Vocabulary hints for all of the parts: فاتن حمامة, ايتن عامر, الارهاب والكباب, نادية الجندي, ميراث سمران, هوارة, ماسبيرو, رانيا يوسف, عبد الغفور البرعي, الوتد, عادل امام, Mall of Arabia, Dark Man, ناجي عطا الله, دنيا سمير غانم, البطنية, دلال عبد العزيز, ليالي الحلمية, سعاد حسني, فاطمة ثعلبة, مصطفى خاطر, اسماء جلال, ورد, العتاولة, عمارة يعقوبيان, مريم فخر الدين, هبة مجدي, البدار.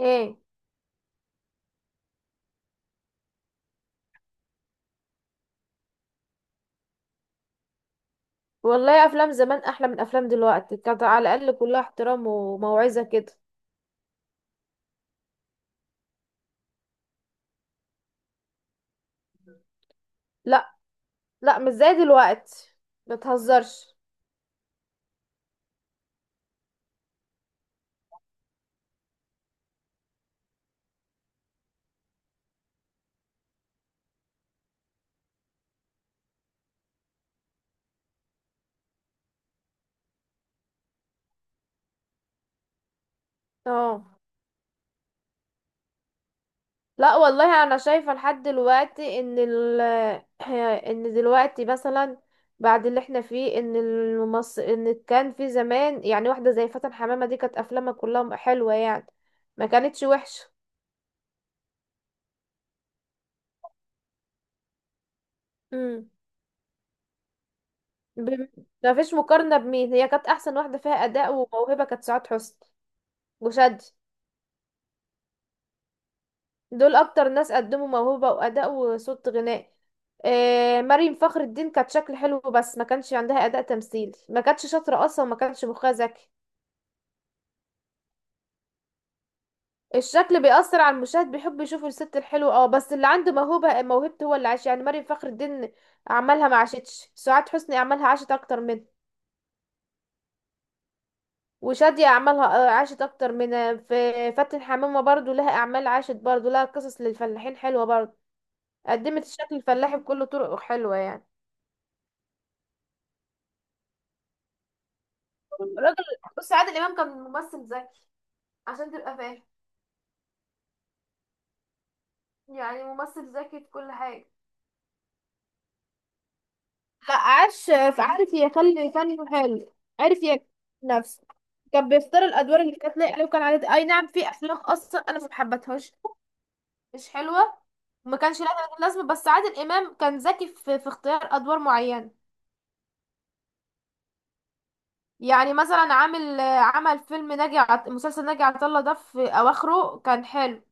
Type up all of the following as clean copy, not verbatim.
ايه. والله افلام زمان احلى من افلام دلوقتي، كانت على الاقل كلها احترام وموعظة كده. لا، لا، مش زي دلوقتي، بتهزرش. اه، لا والله انا شايفة لحد دلوقتي ان ال ان دلوقتي مثلا بعد اللي احنا فيه ان كان في زمان، يعني واحدة زي فاتن حمامة دي كانت افلامها كلها حلوة يعني، ما كانتش وحشة. امم ب... ما فيش مقارنة، بمين؟ هي كانت احسن واحدة فيها اداء وموهبة كانت سعاد حسني وشادي. دول اكتر ناس قدموا موهبة واداء وصوت غناء. مريم فخر الدين كانت شكل حلو، بس ما كانش عندها اداء تمثيلي، ما كانتش شاطرة اصلا وما كانش مخها ذكي. الشكل بيأثر على المشاهد، بيحب يشوف الست الحلوة، اه، بس اللي عنده موهبة موهبته هو اللي عاش. يعني مريم فخر الدين اعمالها ما عاشتش، سعاد حسني اعمالها عاشت اكتر منه، وشادية اعمالها عاشت اكتر منها. في فاتن حمامة برضو لها اعمال عاشت، برضو لها قصص للفلاحين حلوة برضو، قدمت الشكل الفلاحي بكل طرق حلوة يعني. الراجل، بص، عادل امام كان ممثل ذكي، عشان تبقى فاهم، يعني ممثل ذكي في كل حاجه. لا، عاش، عارف يخلي فنه حلو، عارف يكتب نفسه. كان بيختار الادوار اللي كانت لايقه عليه، وكان عليه اي نعم في افلام اصلا انا ما حبيتهاش، مش حلوه، ما كانش لها لازمه. بس عادل امام كان ذكي في اختيار ادوار معينه. يعني مثلا عمل فيلم مسلسل ناجي عطا الله، ده في اواخره كان حلو.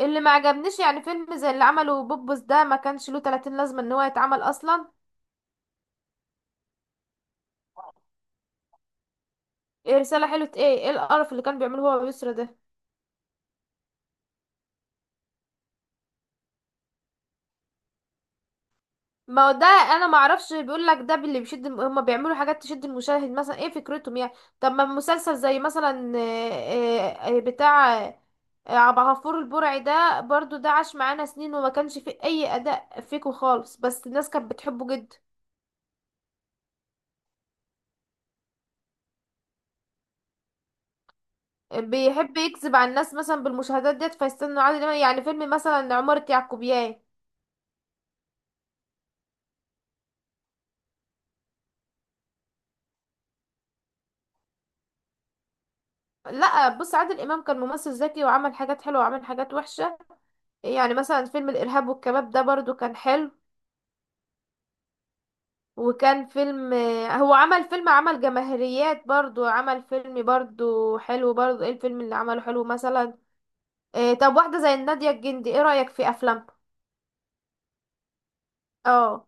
اللي ما عجبنيش، يعني فيلم زي اللي عمله بوبس، ده ما كانش له 30 لازمه ان هو يتعمل اصلا. إيه رساله حلوه؟ ايه القرف اللي كان بيعمله هو ويسرا ده! ما هو ده انا ما اعرفش، بيقول لك ده اللي بيشد هما بيعملوا حاجات تشد المشاهد، مثلا ايه فكرتهم يعني؟ طب ما مسلسل زي مثلا بتاع عبد الغفور البرعي ده، برضو ده عاش معانا سنين وما كانش فيه اي اداء فيكو خالص، بس الناس كانت بتحبه جدا. بيحب يكذب على الناس مثلا بالمشاهدات ديت، فيستنوا عادل امام، يعني فيلم مثلا عمارة يعقوبيان. لا، بص عادل امام كان ممثل ذكي، وعمل حاجات حلوه وعمل حاجات وحشه. يعني مثلا فيلم الارهاب والكباب ده برضو كان حلو، وكان فيلم، هو عمل فيلم، عمل جماهيريات برضو، عمل فيلم برضو حلو، برضو ايه الفيلم اللي عمله حلو مثلا؟ إيه، طب واحده زي نادية الجندي، ايه رايك في افلام؟ اه،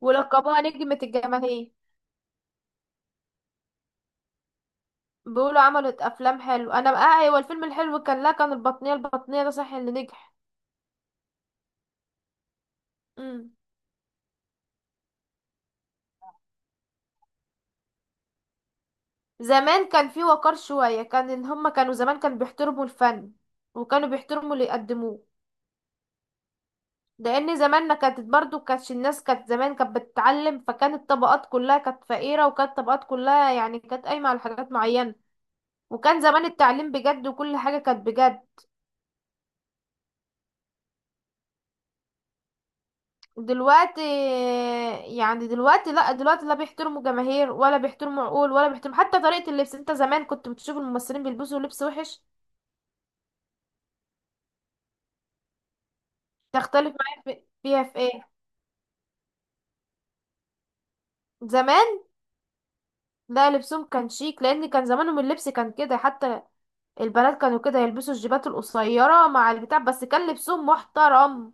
ولقبوها نجمة الجماهير. بيقولوا عملت افلام حلو. انا بقى ايوه الفيلم الحلو كان، لا كان البطنية، البطنية ده صح اللي نجح. مم. زمان كان في وقار شوية، كان ان هما كانوا زمان، كانوا بيحترموا الفن وكانوا بيحترموا اللي يقدموه. لان زماننا كانت برضو، كانتش الناس كانت زمان كانت بتتعلم، فكانت الطبقات كلها كانت فقيرة، وكانت الطبقات كلها يعني كانت قايمة على حاجات معينة. وكان زمان التعليم بجد وكل حاجة كانت بجد. دلوقتي، يعني دلوقتي لا، دلوقتي لا بيحترموا جماهير ولا بيحترموا عقول، ولا بيحترموا حتى طريقة اللبس. انت زمان كنت بتشوف الممثلين بيلبسوا لبس وحش؟ تختلف معايا فيها في ايه؟ زمان لا، لبسهم كان شيك، لان كان زمانهم اللبس كان كده، حتى البنات كانوا كده يلبسوا الجيبات القصيره مع البتاع، بس كان لبسهم محترم.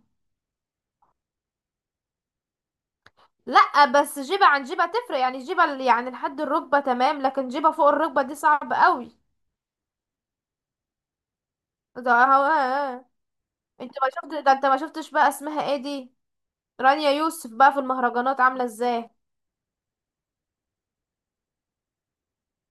لا بس جيبه عن جيبه تفرق، يعني جيبه يعني لحد الركبه تمام، لكن جيبه فوق الركبه دي صعب قوي. ده هو، انت ما شفت؟ ده انت ما شفتش بقى اسمها ايه دي، رانيا يوسف، بقى في المهرجانات عامله ازاي.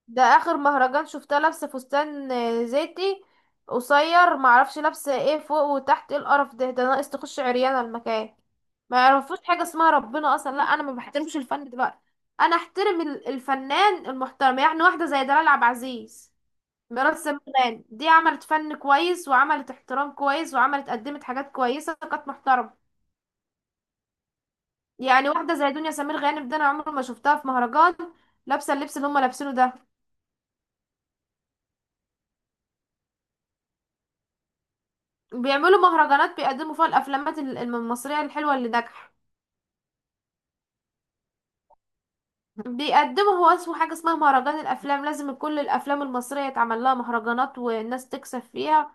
ده اخر مهرجان شفتها لابسه فستان زيتي قصير، معرفش لابسه ايه فوق وتحت. ايه القرف ده ناقص تخش عريانه المكان. ما يعرفوش حاجه اسمها ربنا اصلا. لا انا ما بحترمش الفن دلوقتي، انا احترم الفنان المحترم، يعني واحده زي دلال عبد العزيز، ميراث سمران، دي عملت فن كويس وعملت احترام كويس، وعملت، قدمت حاجات كويسه، كانت محترمه. يعني واحده زي دنيا سمير غانم ده، انا عمري ما شفتها في مهرجان لابسه اللبس اللي هم لابسينه ده. بيعملوا مهرجانات بيقدموا فيها الافلامات المصريه الحلوه اللي ناجحه. بيقدموا، هو اسمه حاجه اسمها مهرجان الافلام، لازم كل الافلام المصريه يتعمل لها مهرجانات والناس تكسب فيها،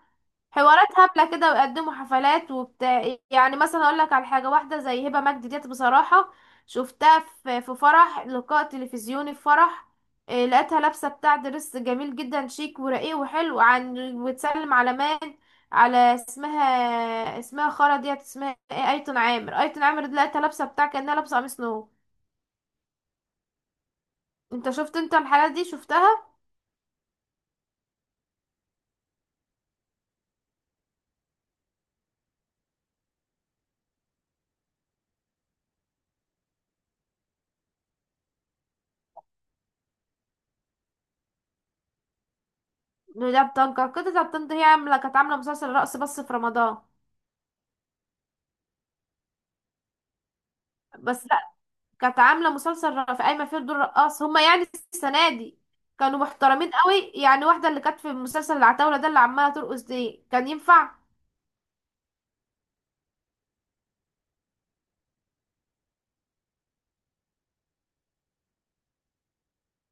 حوارات هبلة كده، ويقدموا حفلات وبتاع. يعني مثلا اقول لك على حاجة، واحدة زي هبة مجدي ديت بصراحة شفتها في فرح، لقاء تلفزيوني في فرح. إيه، لقيتها لابسة بتاع درس جميل جدا، شيك ورقيق وحلو، عن وتسلم على مان، على اسمها، اسمها خالة ديت اسمها ايه، ايتن عامر، ايتن عامر دي لقيتها لابسة بتاع كأنها لابسة قميص نو. انت شفت؟ انت الحالات دي شفتها؟ ده بتنكر كده، ده بتنكر، هي عاملة، كانت عاملة مسلسل رقص بس في رمضان، بس كانت عامله مسلسل في قايمه فيه دور رقاص. هما يعني السنه دي كانوا محترمين قوي، يعني واحده اللي كانت في مسلسل العتاوله ده اللي عماله ترقص دي، كان ينفع؟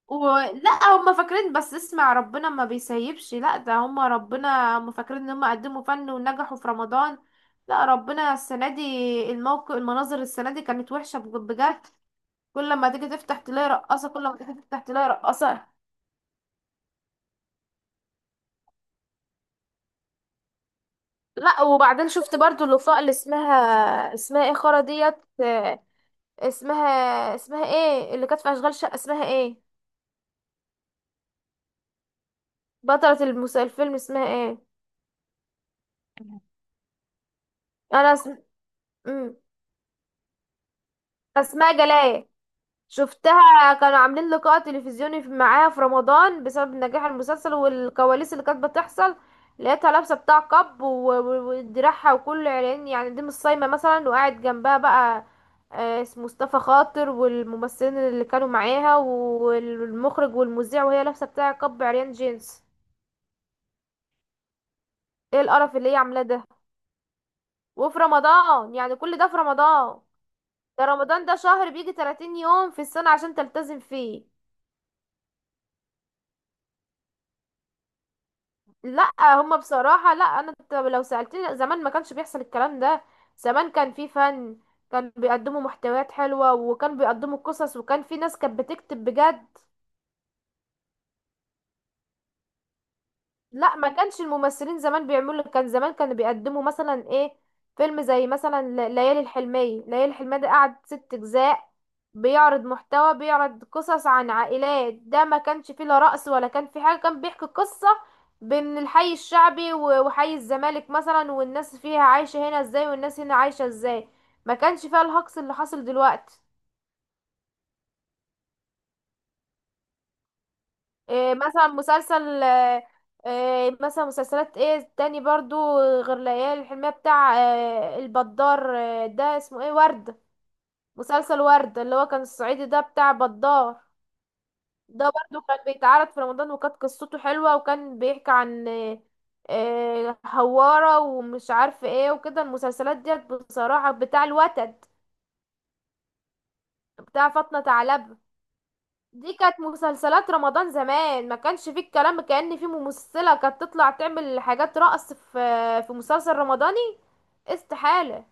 ولا هما فاكرين؟ بس اسمع، ربنا ما بيسيبش. لا ده هما، ربنا، هما فاكرين ان هما قدموا فن ونجحوا في رمضان؟ لا، ربنا السنه دي الموقف، المناظر السنه دي كانت وحشه بجد. كل ما تيجي تفتح تلاقي رقاصه، كل ما تيجي تفتح تلاقي رقاصه. لا وبعدين شفت برضو الوفاء، اللي اسمها ايه، خرا ديت، اسمها اسمها ايه اللي كانت في اشغال شقه، اسمها ايه؟ بطلة الفيلم اسمها ايه؟ انا مم. اسماء جلال. شفتها كانوا عاملين لقاء تلفزيوني معاها في رمضان بسبب نجاح المسلسل والكواليس اللي كانت بتحصل، لقيتها لابسه بتاع كاب ودراعها وكل عريان، يعني دي مش صايمه مثلا، وقاعد جنبها بقى اسمه مصطفى خاطر والممثلين اللي كانوا معاها والمخرج والمذيع، وهي لابسه بتاع كاب عريان جينز. ايه القرف اللي هي عاملاه ده؟ وفي رمضان، يعني كل ده في رمضان! ده رمضان ده شهر بيجي 30 يوم في السنة عشان تلتزم فيه. لا هما بصراحة، لا انا لو سألتني، لا، زمان ما كانش بيحصل الكلام ده. زمان كان في فن، كان بيقدموا محتويات حلوة وكان بيقدموا قصص، وكان في ناس كانت بتكتب بجد. لا ما كانش الممثلين زمان بيعملوا، كان زمان كانوا بيقدموا مثلا ايه، فيلم زي مثلا ليالي الحلمية، ليالي الحلمية ده قعد ست اجزاء، بيعرض محتوى، بيعرض قصص عن عائلات. ده ما كانش فيه لا رقص ولا كان فيه حاجة، كان بيحكي قصة بين الحي الشعبي وحي الزمالك مثلا، والناس فيها عايشة هنا ازاي والناس هنا عايشة ازاي. ما كانش فيها الهجص اللي حاصل دلوقتي. إيه مثلا مسلسل إيه مثلا مسلسلات ايه تاني برضو غير ليالي الحلمية؟ بتاع البدار، ده اسمه ايه، ورد، مسلسل ورد اللي هو كان الصعيدي ده بتاع بدار. ده برضو كان بيتعرض في رمضان، وكانت قصته حلوة، وكان بيحكي عن هوارة ومش عارف ايه وكده. المسلسلات ديت بصراحة، بتاع الوتد، بتاع فاطمة ثعلبة، دي كانت مسلسلات رمضان زمان. ما كانش فيه الكلام كأن فيه ممثلة كانت تطلع تعمل حاجات رقص في مسلسل رمضاني، استحالة.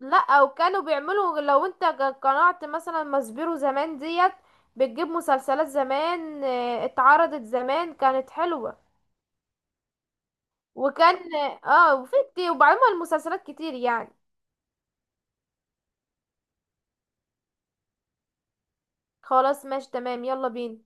لا وكانوا بيعملوا، لو انت قنعت مثلا ماسبيرو زمان ديت، بتجيب مسلسلات زمان اتعرضت زمان كانت حلوة، وكان اه وفي كتير، وبعدين المسلسلات كتير يعني. خلاص، ماشي تمام، يلا بينا.